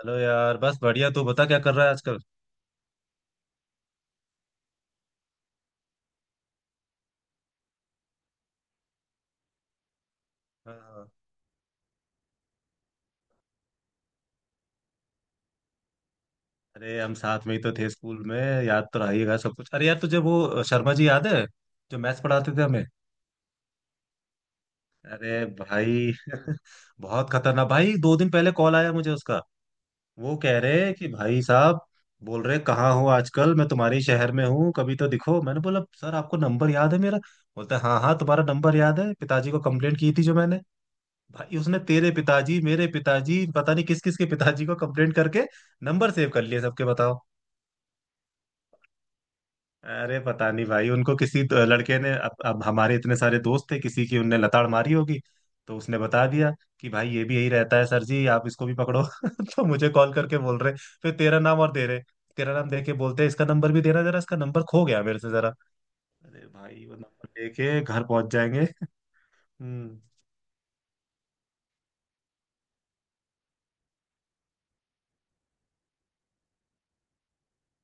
Hello यार, बस बढ़िया। तू बता क्या कर रहा है आजकल। हाँ, हाँ। अरे, हम साथ में ही तो थे स्कूल में। याद तो रहिएगा सब कुछ। अरे यार, तुझे वो शर्मा जी याद है, जो मैथ्स पढ़ाते थे हमें? अरे भाई बहुत खतरनाक भाई। 2 दिन पहले कॉल आया मुझे उसका। वो कह रहे हैं कि भाई साहब, बोल रहे कहाँ हो आजकल, मैं तुम्हारे ही शहर में हूँ, कभी तो दिखो। मैंने बोला सर, आपको नंबर याद है मेरा? बोलता है हाँ हाँ, तुम्हारा नंबर याद है, पिताजी को कंप्लेंट की थी जो मैंने। भाई उसने तेरे पिताजी, मेरे पिताजी, पता नहीं किस किस के पिताजी को कंप्लेंट करके नंबर सेव कर लिए सबके, बताओ। अरे पता नहीं भाई, उनको किसी तो लड़के ने, अब हमारे इतने सारे दोस्त थे, किसी की उनने लताड़ मारी होगी। तो उसने बता दिया कि भाई ये भी यही रहता है सर जी, आप इसको भी पकड़ो। तो मुझे कॉल करके बोल रहे, फिर तेरा नाम और दे रहे। तेरा नाम देके बोलते हैं, इसका नंबर भी देना जरा, इसका नंबर खो गया मेरे से जरा। अरे भाई, वो नंबर लेके घर पहुंच जाएंगे। हम्म।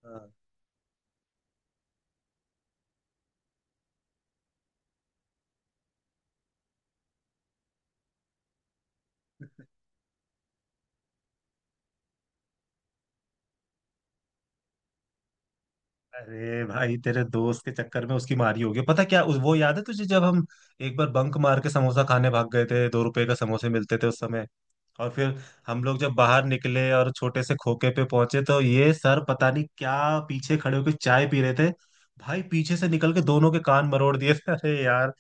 हाँ। अरे भाई, तेरे दोस्त के चक्कर में उसकी मारी होगी। पता क्या, उस, वो याद है तुझे जब हम एक बार बंक मार के समोसा खाने भाग गए थे? 2 रुपए का समोसे मिलते थे उस समय। और फिर हम लोग जब बाहर निकले और छोटे से खोखे पे पहुंचे, तो ये सर पता नहीं क्या पीछे खड़े होकर चाय पी रहे थे। भाई पीछे से निकल के दोनों के कान मरोड़ दिए थे। अरे यार,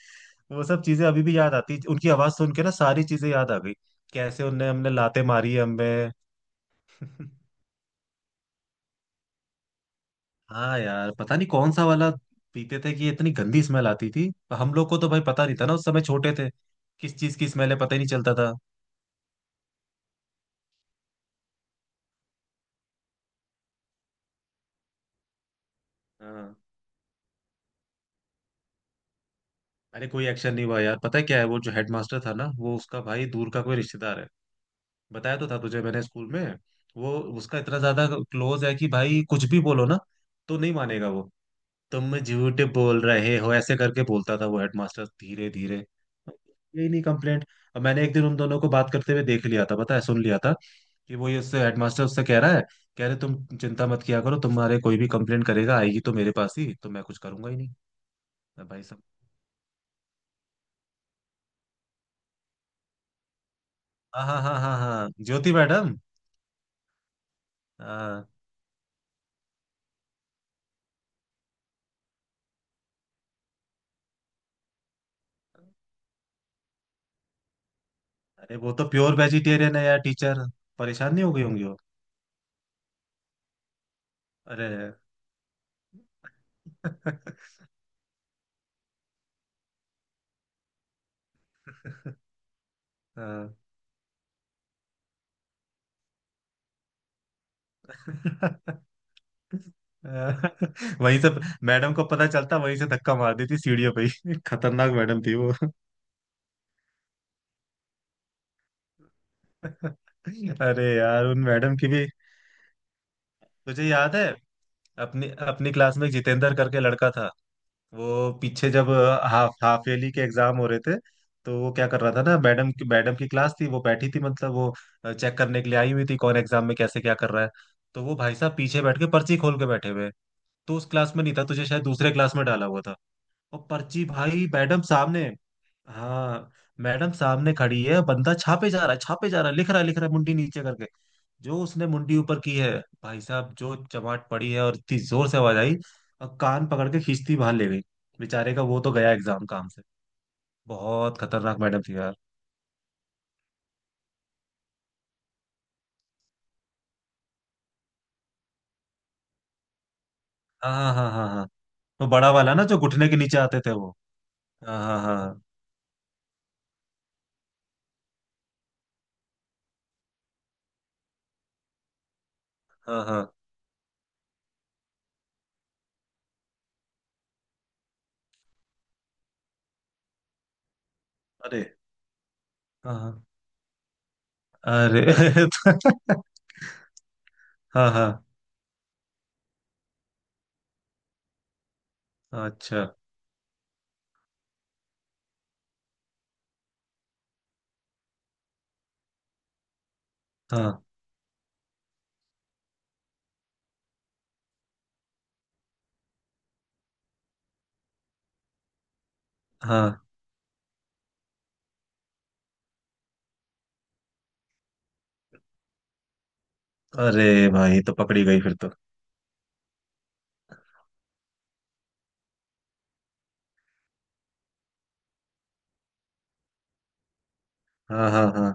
वो सब चीजें अभी भी याद आती। उनकी आवाज सुन के ना सारी चीजें याद आ गई, कैसे उनने हमने लाते मारी है हमें। हाँ यार, पता नहीं कौन सा वाला पीते थे कि ये इतनी गंदी स्मेल आती थी। हम लोग को तो भाई पता नहीं था ना, उस समय छोटे थे, किस चीज की स्मेल है पता ही नहीं चलता था। हाँ। अरे कोई एक्शन नहीं हुआ यार। पता है क्या है, वो जो हेडमास्टर था ना, वो उसका भाई, दूर का कोई रिश्तेदार है। बताया तो था तुझे मैंने स्कूल में। वो उसका इतना ज्यादा क्लोज है कि भाई कुछ भी बोलो ना, तो नहीं मानेगा वो। तुम झूठ बोल रहे हो, ऐसे करके बोलता था वो हेडमास्टर। धीरे धीरे यही नहीं कंप्लेंट, अब मैंने एक दिन उन दोनों को बात करते हुए देख लिया था, पता है, सुन लिया था कि वो, ये उससे, हेडमास्टर उससे कह रहा है, कह रहे तुम चिंता मत किया करो, तुम्हारे कोई भी कंप्लेंट करेगा आएगी तो मेरे पास ही, तो मैं कुछ करूंगा ही नहीं। मैं, भाई साहब, हाँ हाँ हाँ हाँ हाँ, ज्योति मैडम। हाँ। अरे, वो तो प्योर वेजिटेरियन है यार टीचर। परेशान नहीं हो गई होंगी वो? अरे। हाँ। अ, वहीं से मैडम को पता चलता, वहीं से धक्का मार देती सीढ़ियों पे ही। खतरनाक मैडम थी वो। अरे यार, उन मैडम की भी। तुझे याद है, अपनी अपनी क्लास में एक जितेंद्र करके लड़का था, वो पीछे जब हाफ हाफ ईयरली के एग्जाम हो रहे थे, तो वो क्या कर रहा था ना, मैडम की क्लास थी, वो बैठी थी, मतलब वो चेक करने के लिए आई हुई थी, कौन एग्जाम में कैसे क्या कर रहा है। तो वो भाई साहब पीछे बैठ के पर्ची खोल के बैठे हुए हैं। तो उस क्लास में नहीं था तुझे, शायद दूसरे क्लास में डाला हुआ था। और पर्ची, भाई मैडम सामने। हाँ, मैडम सामने खड़ी है, बंदा छापे जा रहा है, छापे जा रहा है, लिख रहा है, लिख रहा है, मुंडी नीचे करके। जो उसने मुंडी ऊपर की है, भाई साहब जो चमाट पड़ी है, और इतनी जोर से आवाज आई, और कान पकड़ के खींचती बाहर ले गई। बेचारे का वो तो गया एग्जाम काम से। बहुत खतरनाक मैडम थी यार। हाँ हाँ हाँ हाँ हाँ। वो बड़ा वाला ना, जो घुटने के नीचे आते थे, वो। हाँ हाँ हाँ हाँ हाँ हाँ। अरे, हाँ हाँ। अरे। हाँ हाँ। अच्छा। हाँ हाँ। अरे भाई, तो पकड़ी गई फिर तो। हाँ हाँ हाँ।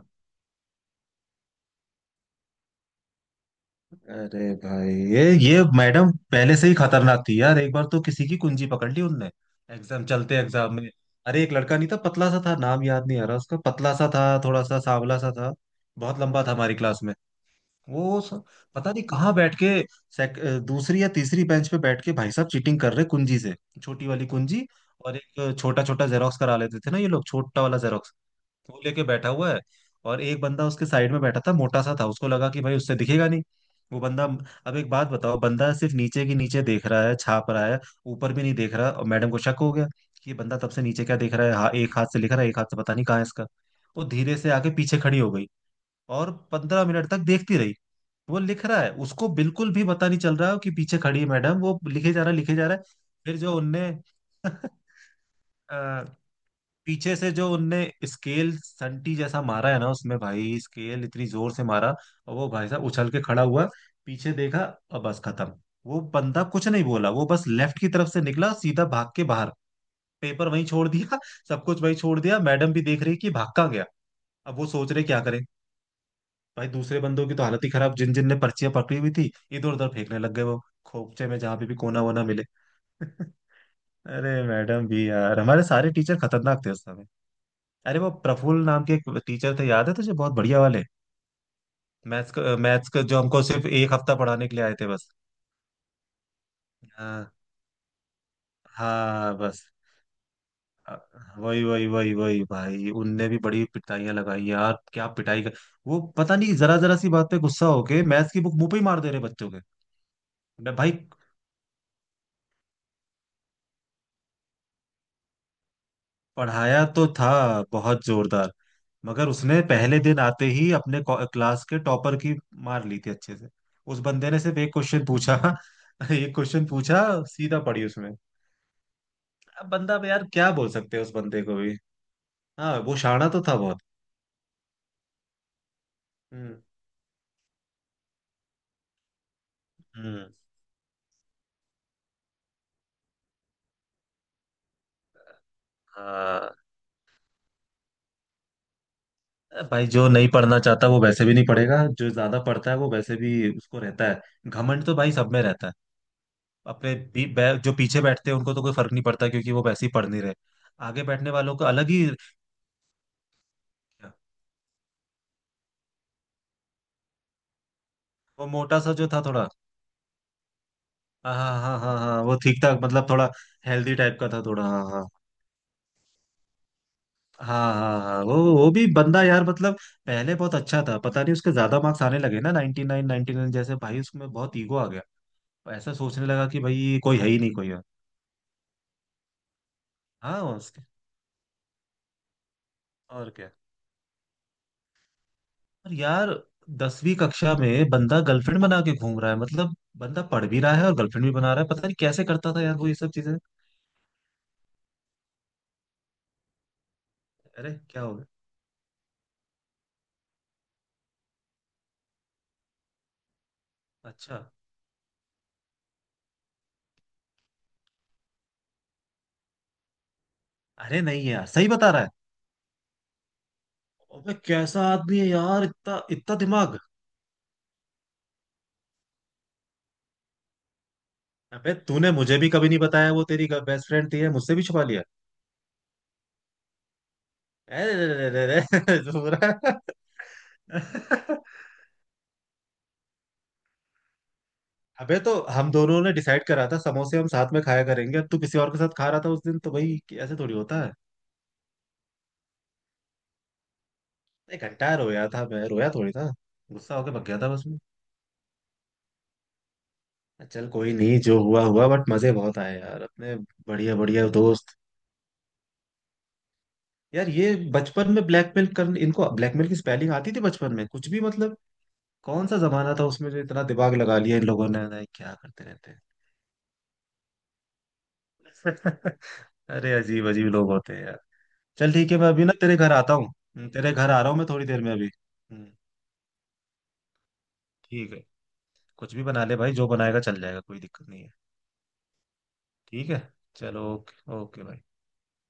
अरे भाई, ये मैडम पहले से ही खतरनाक थी यार। एक बार तो किसी की कुंजी पकड़ ली उनने, एग्जाम चलते, एग्जाम में। अरे एक लड़का नहीं था, पतला सा था, नाम याद नहीं आ रहा उसका, पतला सा था, थोड़ा सा सांवला सा था, बहुत लंबा था हमारी क्लास में। वो स- पता नहीं कहाँ बैठ के, दूसरी या तीसरी बेंच पे बैठ के भाई साहब चीटिंग कर रहे कुंजी से, छोटी वाली कुंजी। और एक छोटा छोटा जेरोक्स करा लेते थे ना ये लोग, छोटा वाला जेरोक्स, वो लेके बैठा हुआ है। और एक बंदा उसके साइड में बैठा था मोटा सा था, उसको लगा कि भाई उससे दिखेगा नहीं वो बंदा। अब एक बात बताओ, बंदा सिर्फ नीचे की नीचे देख रहा है, छाप रहा है, ऊपर भी नहीं देख रहा, और मैडम को शक हो गया कि ये बंदा तब से नीचे क्या देख रहा है, हाँ, एक हाथ से लिख रहा है, एक हाथ से पता नहीं कहाँ है इसका। वो धीरे से आके पीछे खड़ी हो गई, और 15 मिनट तक देखती रही। वो लिख रहा है, उसको बिल्कुल भी पता नहीं चल रहा है कि पीछे खड़ी है मैडम, वो लिखे जा रहा है, लिखे जा रहा है। फिर जो उनने, अ, पीछे से जो उनने स्केल संटी जैसा मारा है ना, उसमें भाई, स्केल इतनी जोर से मारा, और वो भाई साहब उछल के खड़ा हुआ, पीछे देखा, और बस खत्म। वो बंदा कुछ नहीं बोला, वो बस लेफ्ट की तरफ से निकला, सीधा भाग के बाहर। पेपर वहीं छोड़ दिया, सब कुछ वहीं छोड़ दिया। मैडम भी देख रही कि भागा गया। अब वो सोच रहे क्या करें। भाई दूसरे बंदों की तो हालत ही खराब, जिन जिन ने पर्चियां पकड़ी हुई थी, इधर उधर फेंकने लग गए वो, खोपचे में जहां पे भी कोना वोना मिले। अरे मैडम भी यार, हमारे सारे टीचर खतरनाक थे उस समय। अरे वो प्रफुल्ल नाम के एक टीचर थे, याद है तुझे, बहुत बढ़िया वाले, मैथ्स का, मैथ्स का, जो हमको सिर्फ एक हफ्ता पढ़ाने के लिए आए थे बस। हाँ, हाँ, बस। अ, वही वही वही वही भाई, उनने भी बड़ी पिटाइयां लगाई यार, क्या पिटाई का। वो पता नहीं, जरा जरा सी बात पे गुस्सा होके मैथ्स की बुक मुंह पे ही मार दे रहे बच्चों के। मैं भाई, पढ़ाया तो था बहुत जोरदार, मगर उसने पहले दिन आते ही क्लास के टॉपर की मार ली थी अच्छे से। उस बंदे ने सिर्फ एक क्वेश्चन पूछा। एक क्वेश्चन पूछा, सीधा पड़ी उसमें। अब बंदा, अब यार क्या बोल सकते हैं उस बंदे को भी। हाँ, वो शाना तो था बहुत। हम्म हम्म। हाँ। भाई जो नहीं पढ़ना चाहता वो वैसे भी नहीं पढ़ेगा, जो ज्यादा पढ़ता है वो वैसे भी उसको रहता है, घमंड तो भाई सब में रहता है। जो पीछे बैठते हैं उनको तो कोई फर्क नहीं पड़ता, क्योंकि वो वैसे ही पढ़ नहीं रहे। आगे बैठने वालों का अलग ही। वो मोटा सा जो था थोड़ा। हाँ हाँ हाँ हाँ हाँ, वो ठीक ठाक मतलब थोड़ा हेल्दी टाइप का था थोड़ा, हाँ। हाँ हाँ हाँ हाँ वो भी बंदा यार, मतलब पहले बहुत अच्छा था। पता नहीं उसके ज्यादा मार्क्स आने लगे ना, 99 99 जैसे, भाई उसमें बहुत ईगो आ गया। ऐसा सोचने लगा कि भाई कोई है ही नहीं, कोई है। हाँ। उसके और क्या। और यार, 10वीं कक्षा में बंदा गर्लफ्रेंड बना के घूम रहा है मतलब, बंदा पढ़ भी रहा है और गर्लफ्रेंड भी बना रहा है, पता नहीं कैसे करता था यार वो ये सब चीजें। अरे क्या हो गया? अच्छा। अरे नहीं यार, सही बता रहा है? अबे कैसा आदमी है यार, इतना इतना दिमाग। अबे, तूने मुझे भी कभी नहीं बताया वो तेरी बेस्ट फ्रेंड थी, है, मुझसे भी छुपा लिया। अरे रे रे रे रे, पूरा। अबे, तो हम दोनों ने डिसाइड करा था समोसे हम साथ में खाया करेंगे, अब तू किसी और के साथ खा रहा था उस दिन, तो भाई ऐसे थोड़ी होता है। एक घंटा रोया था मैं, रोया थोड़ी था, गुस्सा होके भग गया था बस मैं। चल कोई नहीं, जो हुआ हुआ, बट मजे बहुत आए यार अपने। बढ़िया बढ़िया दोस्त। यार ये बचपन में ब्लैकमेल कर, इनको ब्लैकमेल की स्पेलिंग आती थी बचपन में, कुछ भी मतलब। कौन सा जमाना था उसमें जो इतना दिमाग लगा लिया इन लोगों ने, नहीं, क्या करते रहते हैं। अरे अजीब अजीब लोग होते हैं यार। चल ठीक है, मैं अभी ना तेरे घर आता हूँ। तेरे घर आ रहा हूँ मैं थोड़ी देर में अभी। हम्म, ठीक है। कुछ भी बना ले भाई, जो बनाएगा चल जाएगा, कोई दिक्कत नहीं है। ठीक है। चलो, ओके ओके भाई।